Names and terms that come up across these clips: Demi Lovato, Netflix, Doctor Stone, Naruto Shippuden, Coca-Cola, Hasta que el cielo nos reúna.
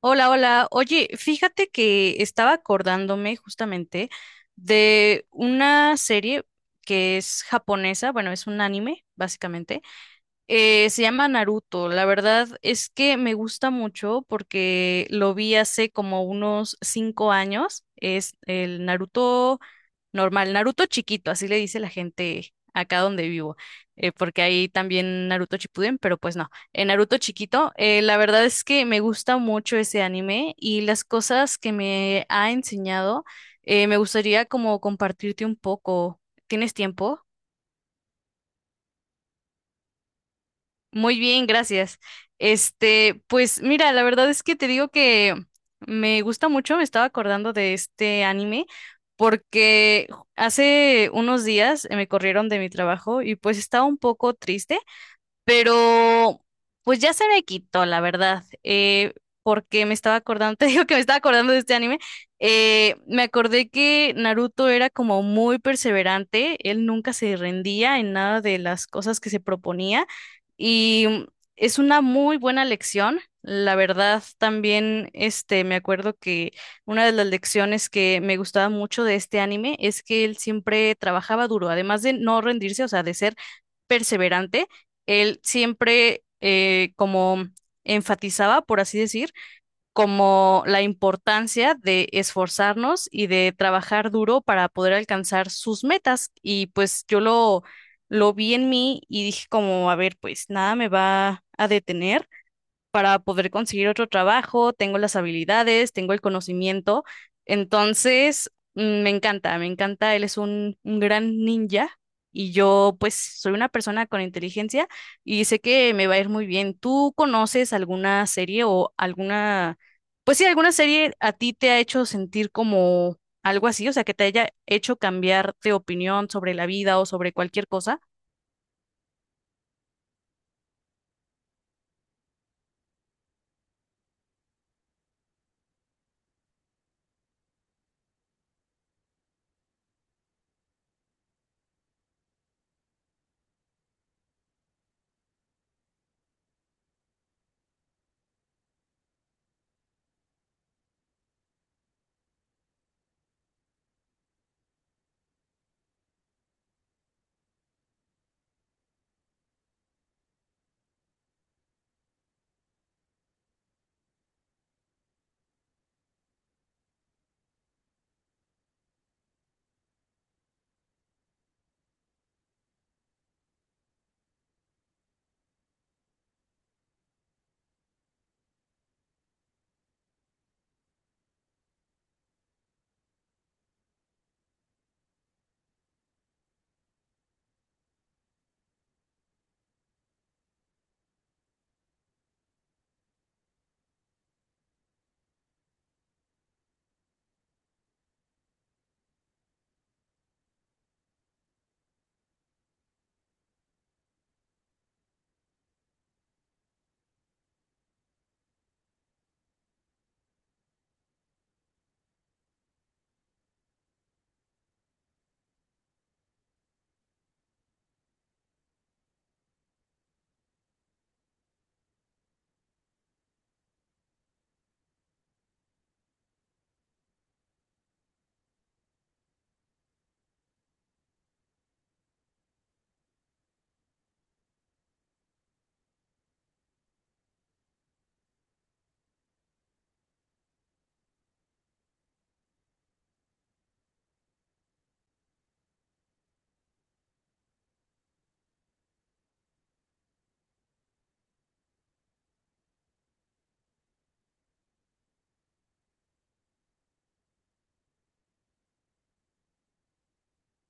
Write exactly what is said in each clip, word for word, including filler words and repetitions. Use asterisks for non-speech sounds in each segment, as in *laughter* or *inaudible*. Hola, hola. Oye, fíjate que estaba acordándome justamente de una serie que es japonesa, bueno, es un anime, básicamente. Eh, se llama Naruto. La verdad es que me gusta mucho porque lo vi hace como unos cinco años. Es el Naruto normal, Naruto chiquito, así le dice la gente acá donde vivo, eh, porque hay también Naruto Shippuden, pero pues no, en Naruto chiquito. Eh, la verdad es que me gusta mucho ese anime y las cosas que me ha enseñado. Eh, me gustaría como compartirte un poco. ¿Tienes tiempo? Muy bien, gracias. Este, pues mira, la verdad es que te digo que me gusta mucho, me estaba acordando de este anime porque hace unos días eh, me corrieron de mi trabajo y pues estaba un poco triste, pero pues ya se me quitó, la verdad, eh, porque me estaba acordando, *laughs* te digo que me estaba acordando de este anime. Eh, me acordé que Naruto era como muy perseverante, él nunca se rendía en nada de las cosas que se proponía, y mm, es una muy buena lección. La verdad, también este, me acuerdo que una de las lecciones que me gustaba mucho de este anime es que él siempre trabajaba duro, además de no rendirse, o sea, de ser perseverante. Él siempre eh, como enfatizaba, por así decir, como la importancia de esforzarnos y de trabajar duro para poder alcanzar sus metas. Y pues yo lo, lo vi en mí y dije como, a ver, pues nada me va a detener para poder conseguir otro trabajo, tengo las habilidades, tengo el conocimiento. Entonces, mm, me encanta, me encanta, él es un, un gran ninja y yo pues soy una persona con inteligencia y sé que me va a ir muy bien. ¿Tú conoces alguna serie o alguna, pues sí, alguna serie a ti te ha hecho sentir como algo así, o sea, que te haya hecho cambiar de opinión sobre la vida o sobre cualquier cosa?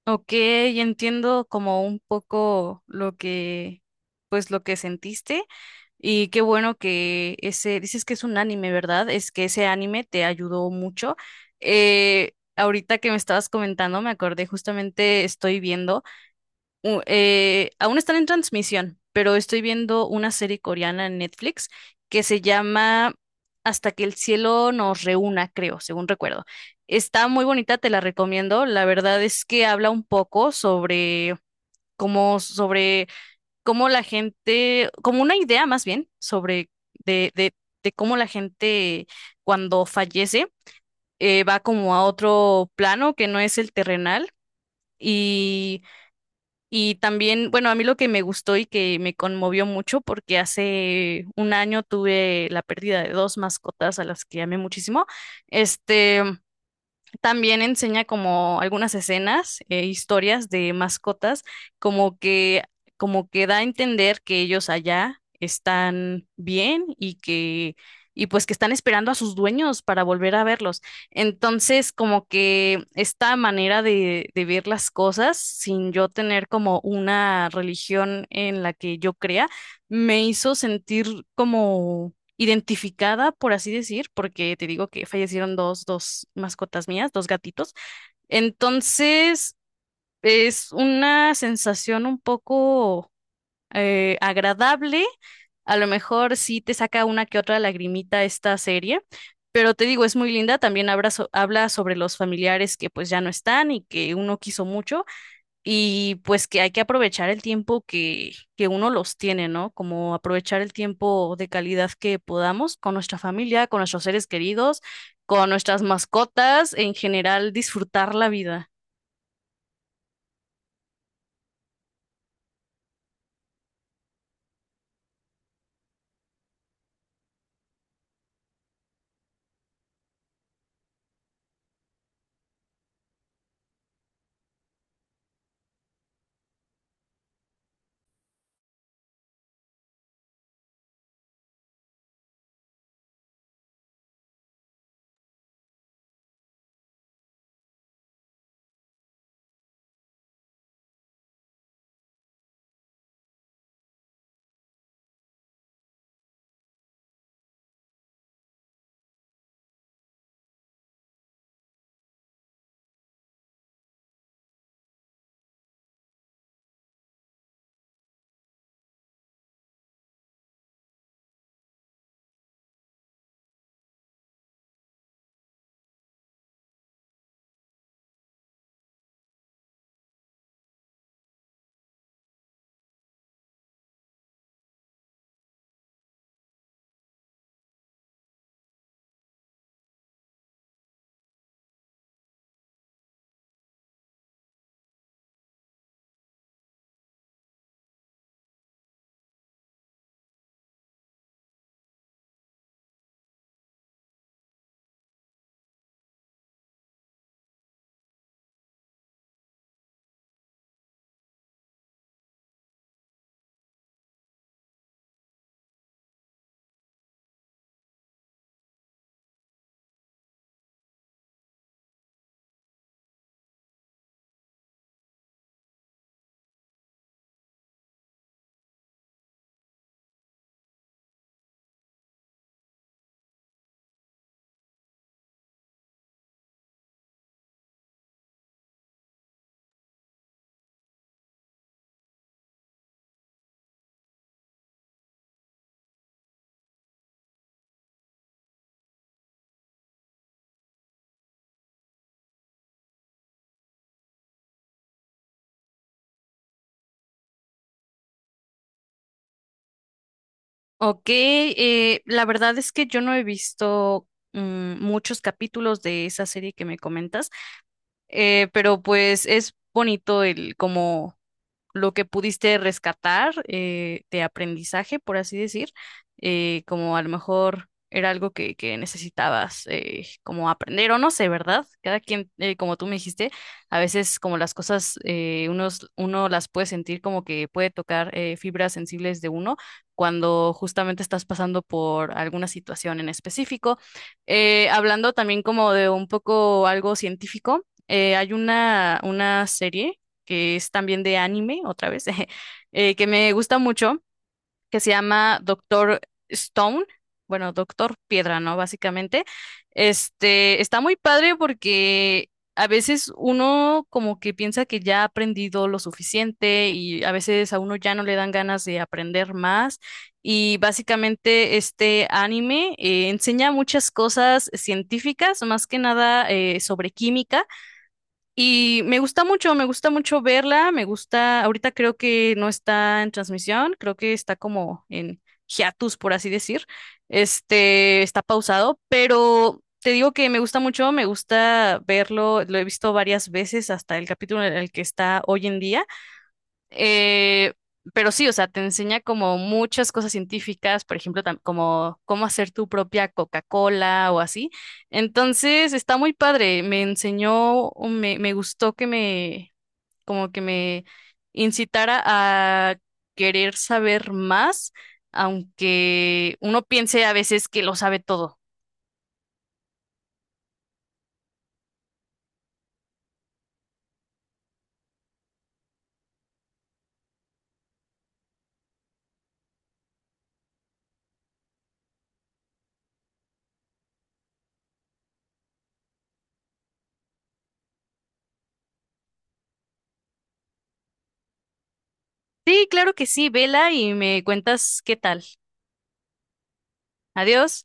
Ok, entiendo como un poco lo que, pues lo que sentiste, y qué bueno que ese, dices que es un anime, ¿verdad? Es que ese anime te ayudó mucho. Eh, ahorita que me estabas comentando, me acordé justamente, estoy viendo u- eh, aún están en transmisión, pero estoy viendo una serie coreana en Netflix que se llama Hasta que el cielo nos reúna, creo, según recuerdo. Está muy bonita, te la recomiendo. La verdad es que habla un poco sobre cómo, sobre cómo la gente, como una idea más bien, sobre de, de, de cómo la gente cuando fallece, eh, va como a otro plano que no es el terrenal. Y y también, bueno, a mí lo que me gustó y que me conmovió mucho, porque hace un año tuve la pérdida de dos mascotas a las que amé muchísimo, este, también enseña como algunas escenas, eh, historias de mascotas, como que, como que da a entender que ellos allá están bien y que, y pues que están esperando a sus dueños para volver a verlos. Entonces, como que esta manera de, de ver las cosas, sin yo tener como una religión en la que yo crea, me hizo sentir identificada, por así decir, porque te digo que fallecieron dos, dos mascotas mías, dos gatitos. Entonces, es una sensación un poco eh, agradable. A lo mejor sí te saca una que otra lagrimita esta serie, pero te digo, es muy linda. También habla, so- habla sobre los familiares que pues ya no están y que uno quiso mucho. Y pues que hay que aprovechar el tiempo que, que uno los tiene, ¿no? Como aprovechar el tiempo de calidad que podamos con nuestra familia, con nuestros seres queridos, con nuestras mascotas, en general, disfrutar la vida. Ok, eh, la verdad es que yo no he visto mm, muchos capítulos de esa serie que me comentas, eh, pero pues es bonito el como lo que pudiste rescatar, eh, de aprendizaje, por así decir. Eh, como a lo mejor era algo que, que necesitabas, eh, como aprender o no sé, ¿verdad? Cada quien, eh, como tú me dijiste, a veces como las cosas, eh, unos, uno las puede sentir como que puede tocar, eh, fibras sensibles de uno cuando justamente estás pasando por alguna situación en específico. Eh, hablando también como de un poco algo científico, eh, hay una, una serie que es también de anime, otra vez, *laughs* eh, que me gusta mucho, que se llama Doctor Stone, bueno, Doctor Piedra, ¿no? Básicamente, este, está muy padre porque a veces uno como que piensa que ya ha aprendido lo suficiente y a veces a uno ya no le dan ganas de aprender más. Y básicamente este anime, eh, enseña muchas cosas científicas, más que nada, eh, sobre química. Y me gusta mucho, me gusta mucho verla, me gusta, ahorita creo que no está en transmisión, creo que está como en hiatus, por así decir, este, está pausado, pero te digo que me gusta mucho, me gusta verlo, lo he visto varias veces hasta el capítulo en el que está hoy en día. Eh, pero sí, o sea, te enseña como muchas cosas científicas, por ejemplo, tam- como cómo hacer tu propia Coca-Cola o así. Entonces, está muy padre. Me enseñó, o me, me gustó que me, como que me incitara a querer saber más, aunque uno piense a veces que lo sabe todo. Sí, claro que sí, vela y me cuentas qué tal. Adiós.